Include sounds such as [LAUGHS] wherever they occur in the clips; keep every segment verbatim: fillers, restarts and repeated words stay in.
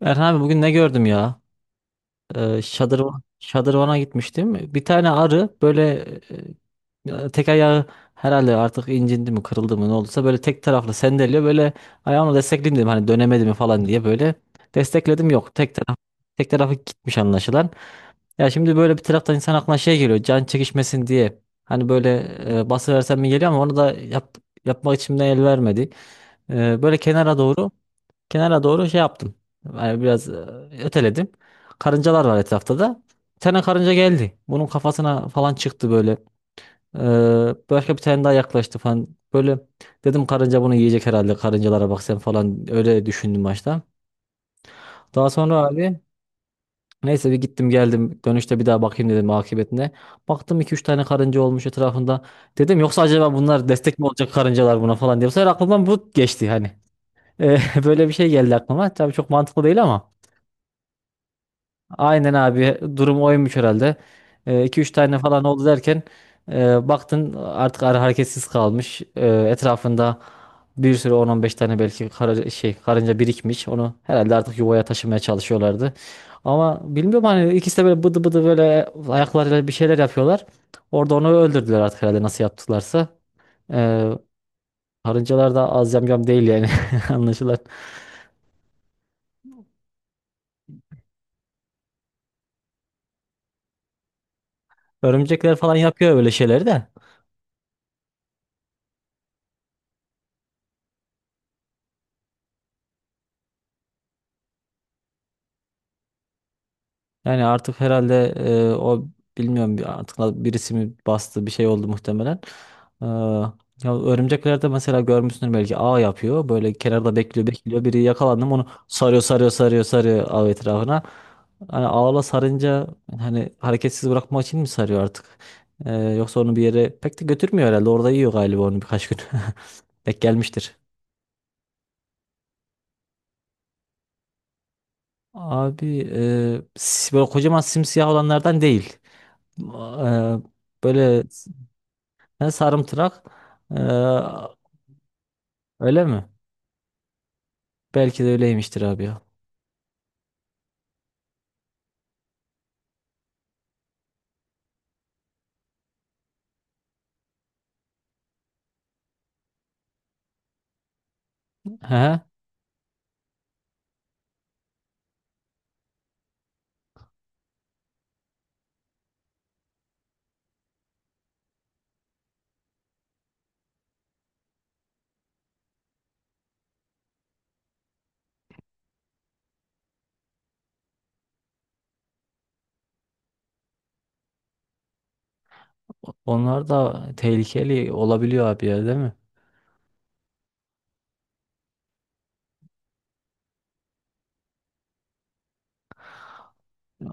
Erhan abi bugün ne gördüm ya? Ee, şadırvan, şadırvana gitmiştim. Bir tane arı böyle e, e, tek ayağı herhalde artık incindi mi kırıldı mı ne olduysa böyle tek taraflı sendeliyor. Böyle ayağımla destekleyeyim dedim hani dönemedi mi falan diye böyle destekledim yok. Tek taraf tek tarafı gitmiş anlaşılan. Ya şimdi böyle bir taraftan insan aklına şey geliyor can çekişmesin diye. Hani böyle e, bası versem mi geliyor ama onu da yap, yapmak içimden el vermedi. Ee, böyle kenara doğru. Kenara doğru şey yaptım. Yani biraz e, öteledim. Karıncalar var etrafta da. Bir tane karınca geldi. Bunun kafasına falan çıktı böyle. Ee, Başka bir tane daha yaklaştı falan. Böyle dedim karınca bunu yiyecek herhalde. Karıncalara bak sen falan öyle düşündüm başta. Daha sonra abi neyse bir gittim geldim. Dönüşte bir daha bakayım dedim akıbetine. Baktım iki üç tane karınca olmuş etrafında. Dedim yoksa acaba bunlar destek mi olacak karıncalar buna falan diye. Bu sefer aklımdan bu geçti hani. Ee, [LAUGHS] Böyle bir şey geldi aklıma. Tabii çok mantıklı değil ama. Aynen abi durum oymuş herhalde. Ee, iki üç tane falan oldu derken e, baktın artık arı hareketsiz kalmış. E, etrafında bir sürü on on beş tane belki kara, şey karınca birikmiş. Onu herhalde artık yuvaya taşımaya çalışıyorlardı. Ama bilmiyorum hani ikisi de böyle bıdı bıdı böyle ayaklarıyla bir şeyler yapıyorlar. Orada onu öldürdüler artık herhalde nasıl yaptılarsa. E, Karıncalar da az yamyam değil yani [LAUGHS] anlaşılan. Örümcekler falan yapıyor böyle şeyleri de. Yani artık herhalde e, o bilmiyorum bir- artık na- birisi mi bastı bir şey oldu muhtemelen. Ee, Ya örümceklerde mesela görmüşsündür belki ağ yapıyor. Böyle kenarda bekliyor bekliyor. Biri yakalandı mı onu sarıyor sarıyor sarıyor sarıyor ağ etrafına. Hani ağla sarınca hani hareketsiz bırakmak için mi sarıyor artık? Ee, yoksa onu bir yere pek de götürmüyor herhalde. Orada yiyor galiba onu birkaç gün. [LAUGHS] Denk gelmiştir. Abi e, si- böyle kocaman simsiyah olanlardan değil. Eee, Böyle he, sarımtırak. Ee, Öyle mi? Belki de öyleymiştir abi ya. He. Onlar da tehlikeli olabiliyor abi ya değil mi?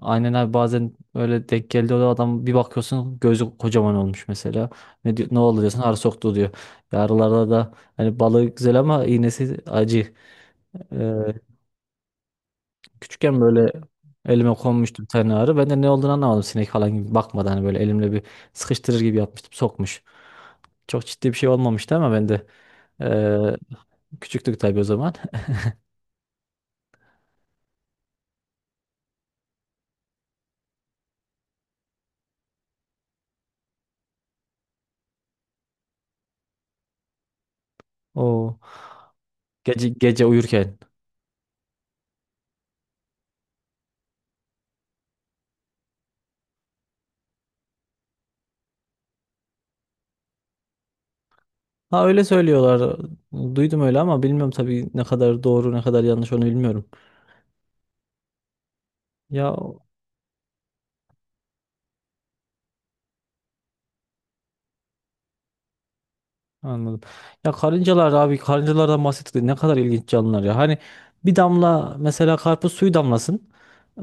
Aynen abi bazen öyle denk geldi o adam bir bakıyorsun gözü kocaman olmuş mesela. Ne diyor, ne oldu diyorsun arı soktu diyor. Yarılarda da hani balığı güzel ama iğnesi acı. Ee, Küçükken böyle elime konmuştu bir tane arı. Ben de ne olduğunu anlamadım sinek falan gibi bakmadan hani böyle elimle bir sıkıştırır gibi yapmıştım sokmuş. Çok ciddi bir şey olmamıştı ama ben de eee, küçüktük tabii o zaman. [LAUGHS] O gece gece uyurken. Ha öyle söylüyorlar. Duydum öyle ama bilmiyorum tabii ne kadar doğru ne kadar yanlış onu bilmiyorum. Ya, anladım. Ya karıncalar abi karıncalardan bahsettik de ne kadar ilginç canlılar ya. Hani bir damla mesela karpuz suyu damlasın. Ee,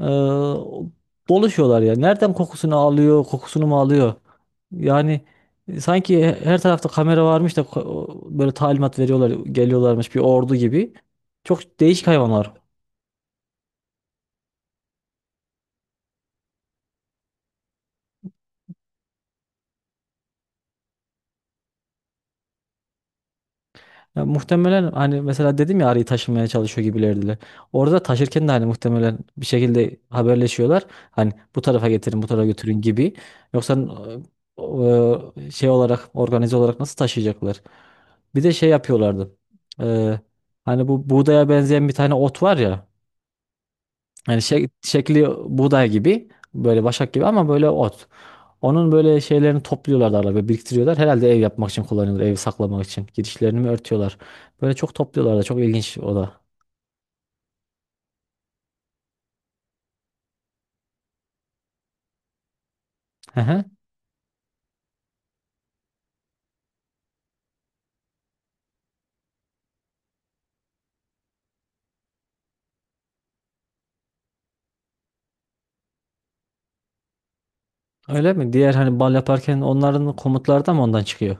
Dolaşıyorlar ya. Nereden kokusunu alıyor, kokusunu mu alıyor? Yani e, sanki her tarafta kamera varmış da ko- böyle talimat veriyorlar, geliyorlarmış bir ordu gibi. Çok değişik hayvanlar. Ya muhtemelen hani mesela dedim ya arıyı taşımaya çalışıyor gibilerdiler. Orada taşırken de hani muhtemelen bir şekilde haberleşiyorlar. Hani bu tarafa getirin, bu tarafa götürün gibi. Yoksa e, e, şey olarak organize olarak nasıl taşıyacaklar? Bir de şey yapıyorlardı. E, Hani bu buğdaya benzeyen bir tane ot var ya. Yani şek- şekli buğday gibi böyle başak gibi ama böyle ot. Onun böyle şeylerini topluyorlar da arada biriktiriyorlar. Herhalde ev yapmak için kullanıyorlar. Evi saklamak için. Girişlerini mi örtüyorlar? Böyle çok topluyorlar da çok ilginç o da. Hı hı. Öyle mi? Diğer hani bal yaparken onların komutları da mı ondan çıkıyor?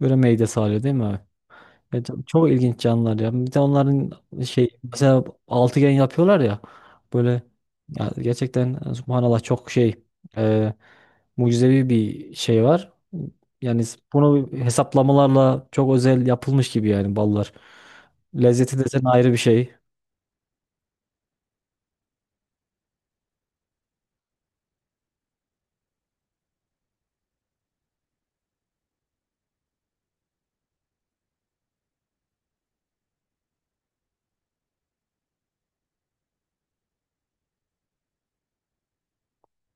Böyle meyde sağlıyor değil mi abi? Evet, çok ilginç canlılar ya. Bir de onların şey mesela altıgen yapıyorlar ya. Böyle ya gerçekten subhanallah çok şey. Mucizevi bir şey var. Yani bunu hesaplamalarla çok özel yapılmış gibi yani ballar. Lezzeti desen ayrı bir şey.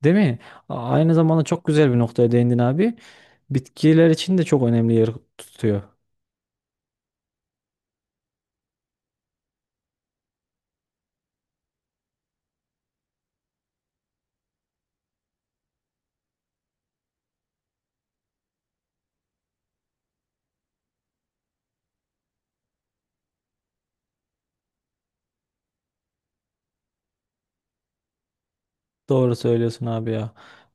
Değil mi? A- aynı zamanda çok güzel bir noktaya değindin abi. Bitkiler için de çok önemli yer tutuyor. Doğru söylüyorsun abi ya.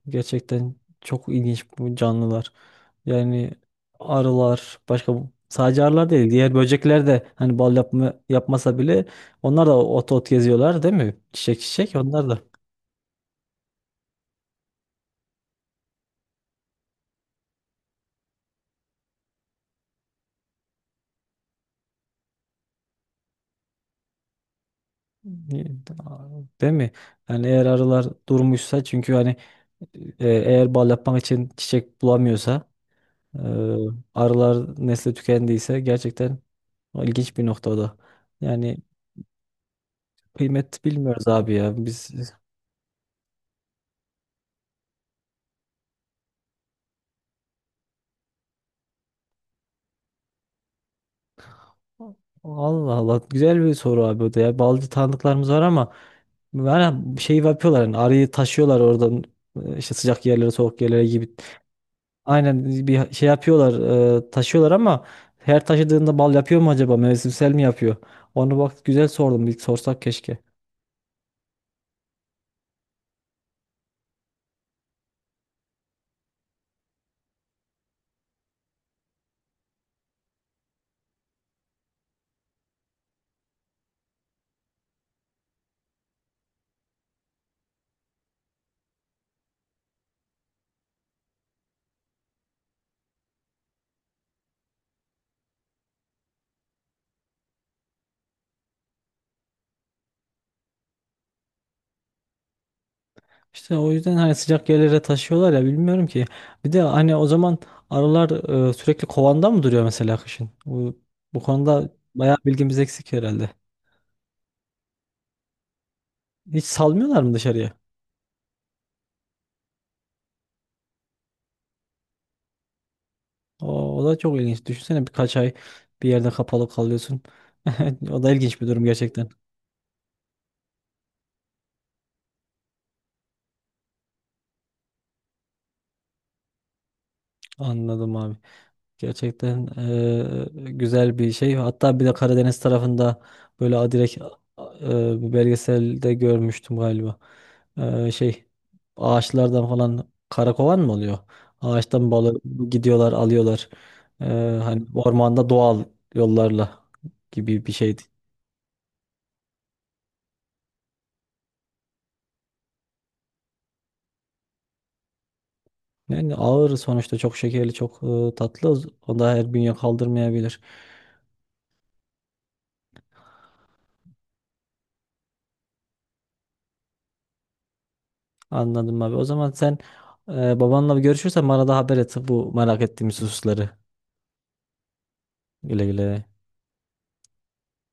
Gerçekten çok ilginç bu canlılar. Yani arılar başka bu- sadece arılar değil diğer böcekler de hani bal yapma, yapmasa bile onlar da ot ot geziyorlar değil mi? Çiçek çiçek onlar da. Değil mi? Yani eğer arılar durmuşsa çünkü hani e, eğer bal yapmak için çiçek bulamıyorsa e, arılar nesli tükendiyse gerçekten o ilginç bir noktada. Yani kıymet bilmiyoruz abi ya. Biz Allah Allah güzel bir soru abi o da ya. Balcı tanıdıklarımız var ama yani şey yapıyorlar yani arıyı taşıyorlar oradan e, işte sıcak yerlere soğuk yerlere gibi. Aynen bir şey yapıyorlar e, taşıyorlar ama her taşıdığında bal yapıyor mu acaba mevsimsel mi yapıyor? Onu bak güzel sordum bir sorsak keşke. İşte o yüzden hani sıcak yerlere taşıyorlar ya bilmiyorum ki. Bir de hani o zaman arılar e, sürekli kovanda mı duruyor mesela kışın? Bu, bu konuda bayağı bilgimiz eksik herhalde. Hiç salmıyorlar mı dışarıya? O, o da çok ilginç. Düşünsene birkaç ay bir yerde kapalı kalıyorsun. [LAUGHS] O da ilginç bir durum gerçekten. Anladım abi. Gerçekten eee, güzel bir şey. Hatta bir de Karadeniz tarafında böyle adirek eee, bir belgeselde görmüştüm galiba. Eee, şey ağaçlardan falan karakovan mı oluyor? Ağaçtan balık gidiyorlar alıyorlar. Eee, Hani ormanda doğal yollarla gibi bir şeydi. Yani ağır sonuçta çok şekerli çok e, tatlı o da her bünye kaldırmayabilir. Anladım abi. O zaman sen e, babanla bir görüşürsen bana da haber et bu merak ettiğimiz hususları. Güle güle.